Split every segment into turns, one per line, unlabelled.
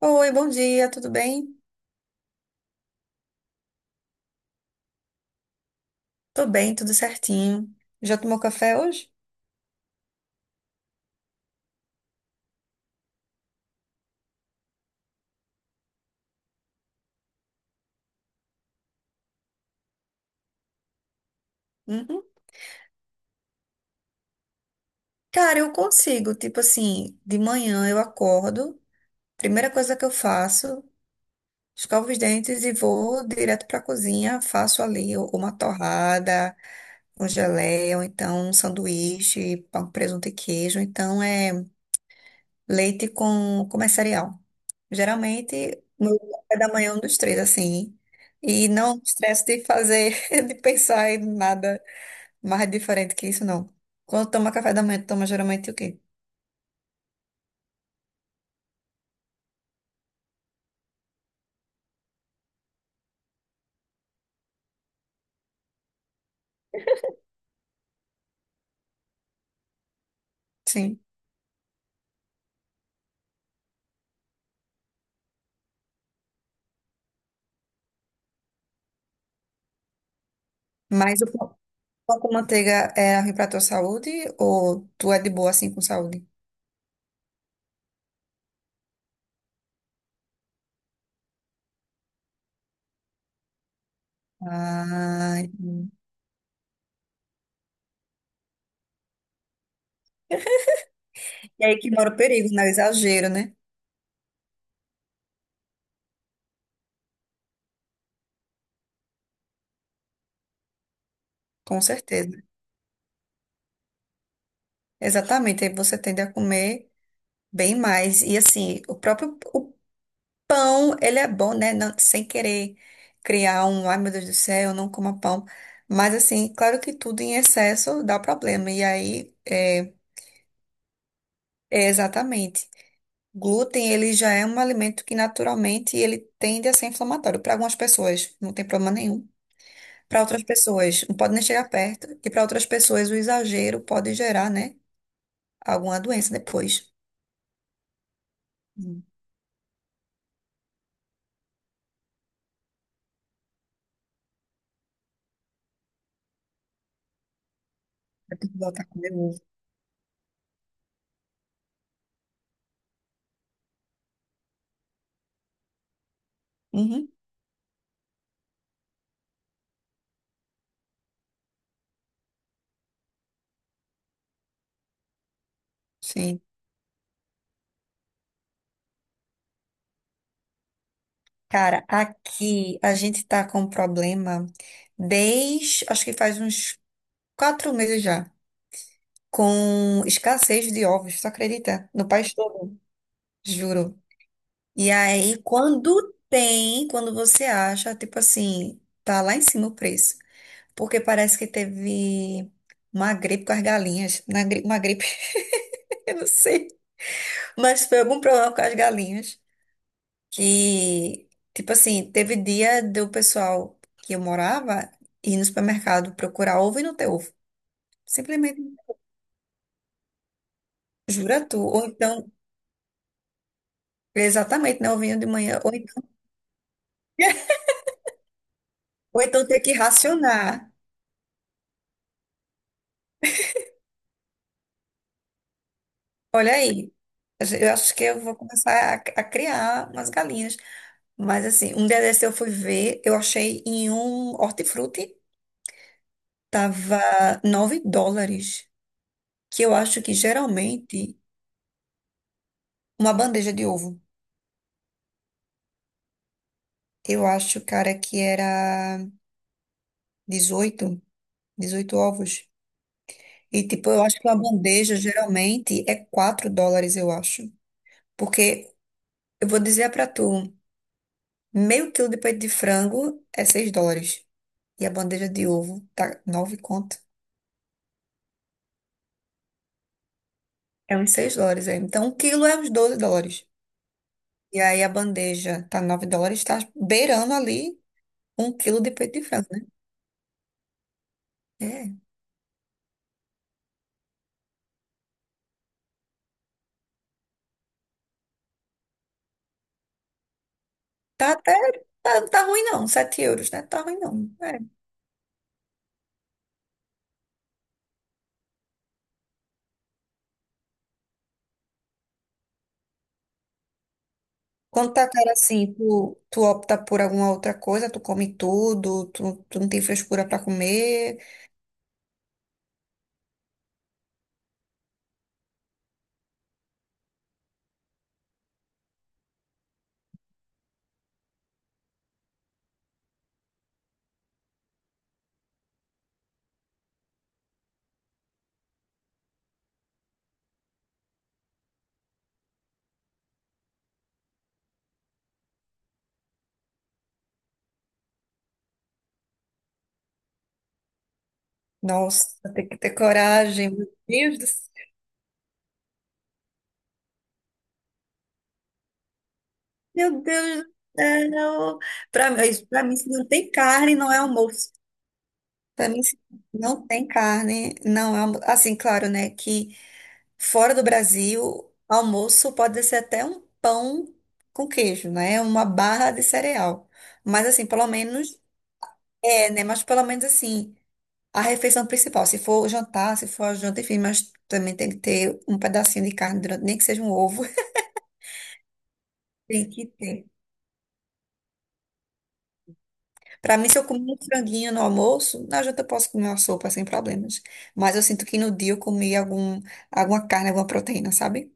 Oi, bom dia, tudo bem? Tô bem, tudo certinho. Já tomou café hoje? Uhum. Cara, eu consigo, tipo assim, de manhã eu acordo, primeira coisa que eu faço, escovo os dentes e vou direto pra cozinha, faço ali uma torrada, um geleia, ou então um sanduíche, pão, presunto e queijo. Então é. Leite com mais cereal. Geralmente, meu café da manhã é um dos três, assim. E não estresso de fazer, de pensar em nada mais diferente que isso, não. Quando toma café da manhã, toma geralmente o quê? Sim. Mas o pão com manteiga é ruim pra tua saúde ou tu é de boa assim com saúde? Ah, entendi. E aí que mora o perigo, né? O exagero, né? Com certeza. Exatamente, aí você tende a comer bem mais. E assim, o pão, ele é bom, né? Não, sem querer criar um, ai meu Deus do céu, eu não coma pão. Mas assim, claro que tudo em excesso dá problema. E aí, é, é exatamente. Glúten, ele já é um alimento que naturalmente ele tende a ser inflamatório. Para algumas pessoas, não tem problema nenhum. Para outras pessoas, não pode nem chegar perto. E para outras pessoas, o exagero pode gerar, né? Alguma doença depois. Hum. Eu tenho que voltar a comer ovo. Uhum, sim. Cara, aqui a gente tá com um problema desde, acho que faz uns 4 meses já, com escassez de ovos, tu acredita? No país todo, juro. E aí, quando tem, quando você acha, tipo assim, tá lá em cima o preço. Porque parece que teve uma gripe com as galinhas, uma gripe, eu não sei, mas foi algum problema com as galinhas. Que, tipo assim, teve dia do pessoal que eu morava ir no supermercado procurar ovo e não ter ovo. Simplesmente jura tu. Ou então, exatamente, não vinho de manhã. Ou então, ou então ter que racionar. Olha aí. Eu acho que eu vou começar a criar umas galinhas. Mas assim, um dia desse eu fui ver, eu achei em um hortifruti, tava 9 dólares, que eu acho que geralmente uma bandeja de ovo. Eu acho, cara, que era 18, 18 ovos. E, tipo, eu acho que uma bandeja geralmente é 4 dólares, eu acho. Porque, eu vou dizer pra tu, meio quilo de peito de frango é 6 dólares. E a bandeja de ovo tá 9 conto. É uns 6 dólares aí. Então, um quilo é uns 12 dólares. E aí a bandeja tá 9 dólares, tá beirando ali um quilo de peito de frango, né? É. Tá até. Tá ruim não, 7 euros, né? Tá ruim não. É. Quando tá cara assim, tu opta por alguma outra coisa, tu come tudo, tu não tem frescura pra comer. Nossa, tem que ter coragem. Meu Deus do céu. Meu Deus do céu. Pra mim, se não tem carne, não é almoço. Pra mim, se não tem carne, não é almoço. Assim, claro, né, que fora do Brasil, almoço pode ser até um pão com queijo, né? Uma barra de cereal. Mas assim, pelo menos, é, né? Mas pelo menos assim. A refeição principal, se for jantar, se for a janta, enfim, mas também tem que ter um pedacinho de carne durante, nem que seja um ovo. Tem que ter. Para mim, se eu comer um franguinho no almoço, na janta eu posso comer uma sopa sem problemas. Mas eu sinto que no dia eu comi alguma carne, alguma proteína, sabe?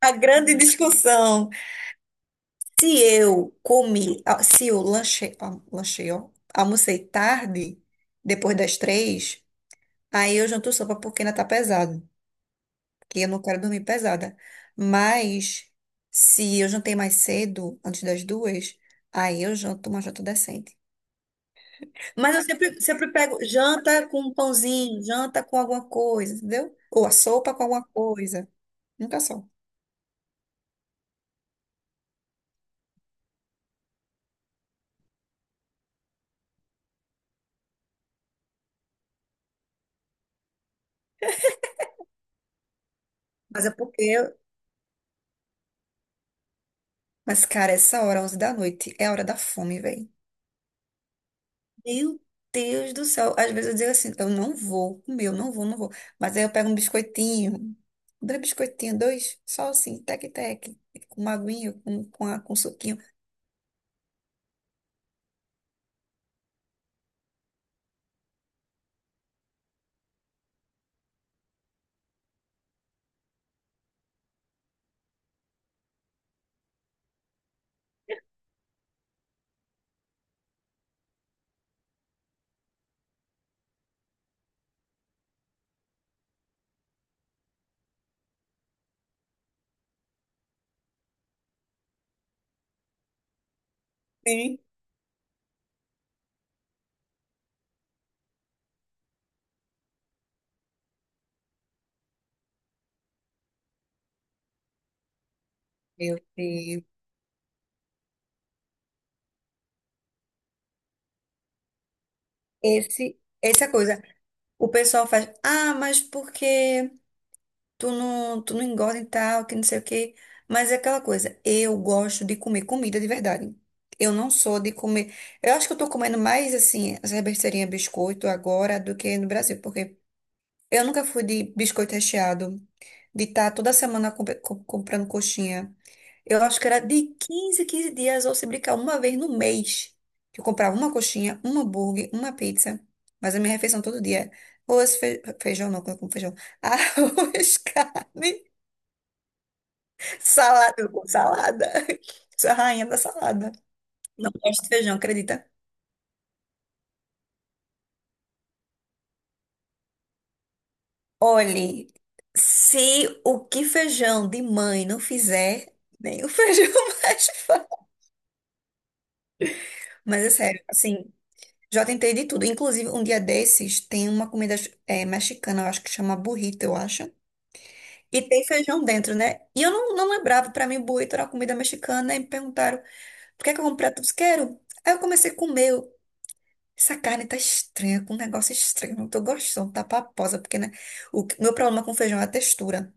A grande discussão. Se eu comi, ah, se eu lanchei, ah, lanchei, ó, almocei tarde, depois das três, aí eu janto sopa porque ainda tá pesado. Que eu não quero dormir pesada. Mas se eu jantei mais cedo, antes das duas, aí eu janto uma janta decente. Mas eu sempre pego janta com um pãozinho, janta com alguma coisa, entendeu? Ou a sopa com alguma coisa. Nunca só. Mas é porque. eu- Mas, cara, essa hora, 11 da noite, é a hora da fome, velho. Meu Deus do céu. Às vezes eu digo assim, eu não vou comer, eu não vou. Mas aí eu pego um biscoitinho, dois biscoitinhos, dois, só assim, tec-tec, com uma aguinha, com suquinho. Sim. Meu Deus. Essa coisa. O pessoal faz, ah, mas porque tu não engorda e tal, que não sei o quê. Mas é aquela coisa, eu gosto de comer comida de verdade. Eu não sou de comer. Eu acho que eu tô comendo mais, assim, essa besteirinha biscoito agora do que no Brasil, porque eu nunca fui de biscoito recheado, de estar toda semana comprando coxinha. Eu acho que era de 15 dias, ou se brincar, uma vez no mês, que eu comprava uma coxinha, um hambúrguer, uma pizza. Mas a minha refeição todo dia, é arroz, feijão, não, que eu como feijão, arroz, carne, salada, eu como salada. Sou a rainha da salada. Não gosto de feijão, acredita? Olhe, se o que feijão de mãe não fizer, nem o feijão mais faz. Mas é sério, assim, já tentei de tudo. Inclusive, um dia desses tem uma comida eh, mexicana, eu acho que chama burrito, eu acho. E tem feijão dentro, né? E eu não lembrava, pra mim, burrito era comida mexicana. E me perguntaram, por que é que eu comprei? Eu disse, quero. Aí eu comecei a comer. Eu, essa carne tá estranha, com um negócio estranho. Não tô gostando, tá paposa. Porque, né? Meu problema com feijão é a textura.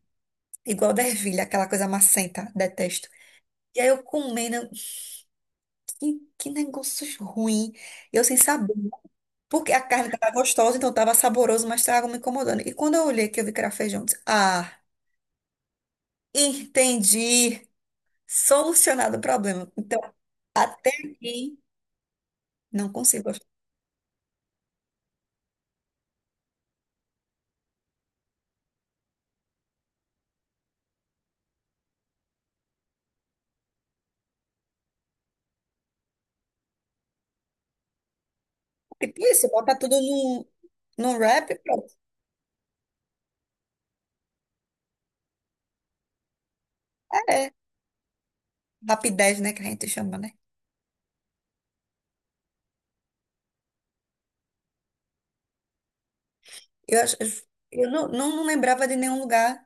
Igual da ervilha, aquela coisa macenta, detesto. E aí eu comendo, que negócio ruim. Eu sem saber. Porque a carne estava gostosa, então estava saboroso, mas estava me incomodando. E quando eu olhei que eu vi que era feijão, eu disse, ah, entendi. Solucionado o problema. Então, até aqui, não consigo gostar. Tipo isso, botar tudo num wrap, e pronto. É, é. Rapidez, né, que a gente chama, né? Eu, acho- eu não lembrava de nenhum lugar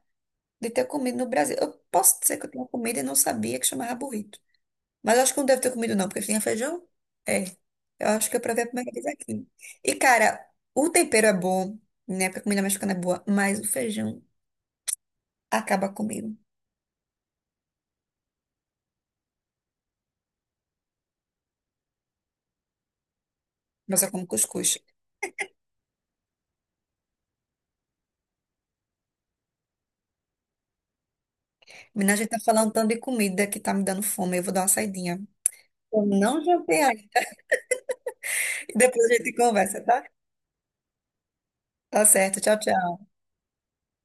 de ter comido no Brasil. Eu posso dizer que eu tinha comido e não sabia que chamava burrito. Mas eu acho que não deve ter comido, não, porque tinha feijão. É. Eu acho que eu provei a primeira vez aqui. E, cara, o tempero é bom, né? Porque a comida mexicana é boa, mas o feijão acaba comigo. Mas eu como cuscuz. Menina, a gente tá falando tanto de comida que tá me dando fome. Eu vou dar uma saidinha. Eu não jantei ainda. E depois a gente conversa, tá? Tá certo. Tchau, tchau.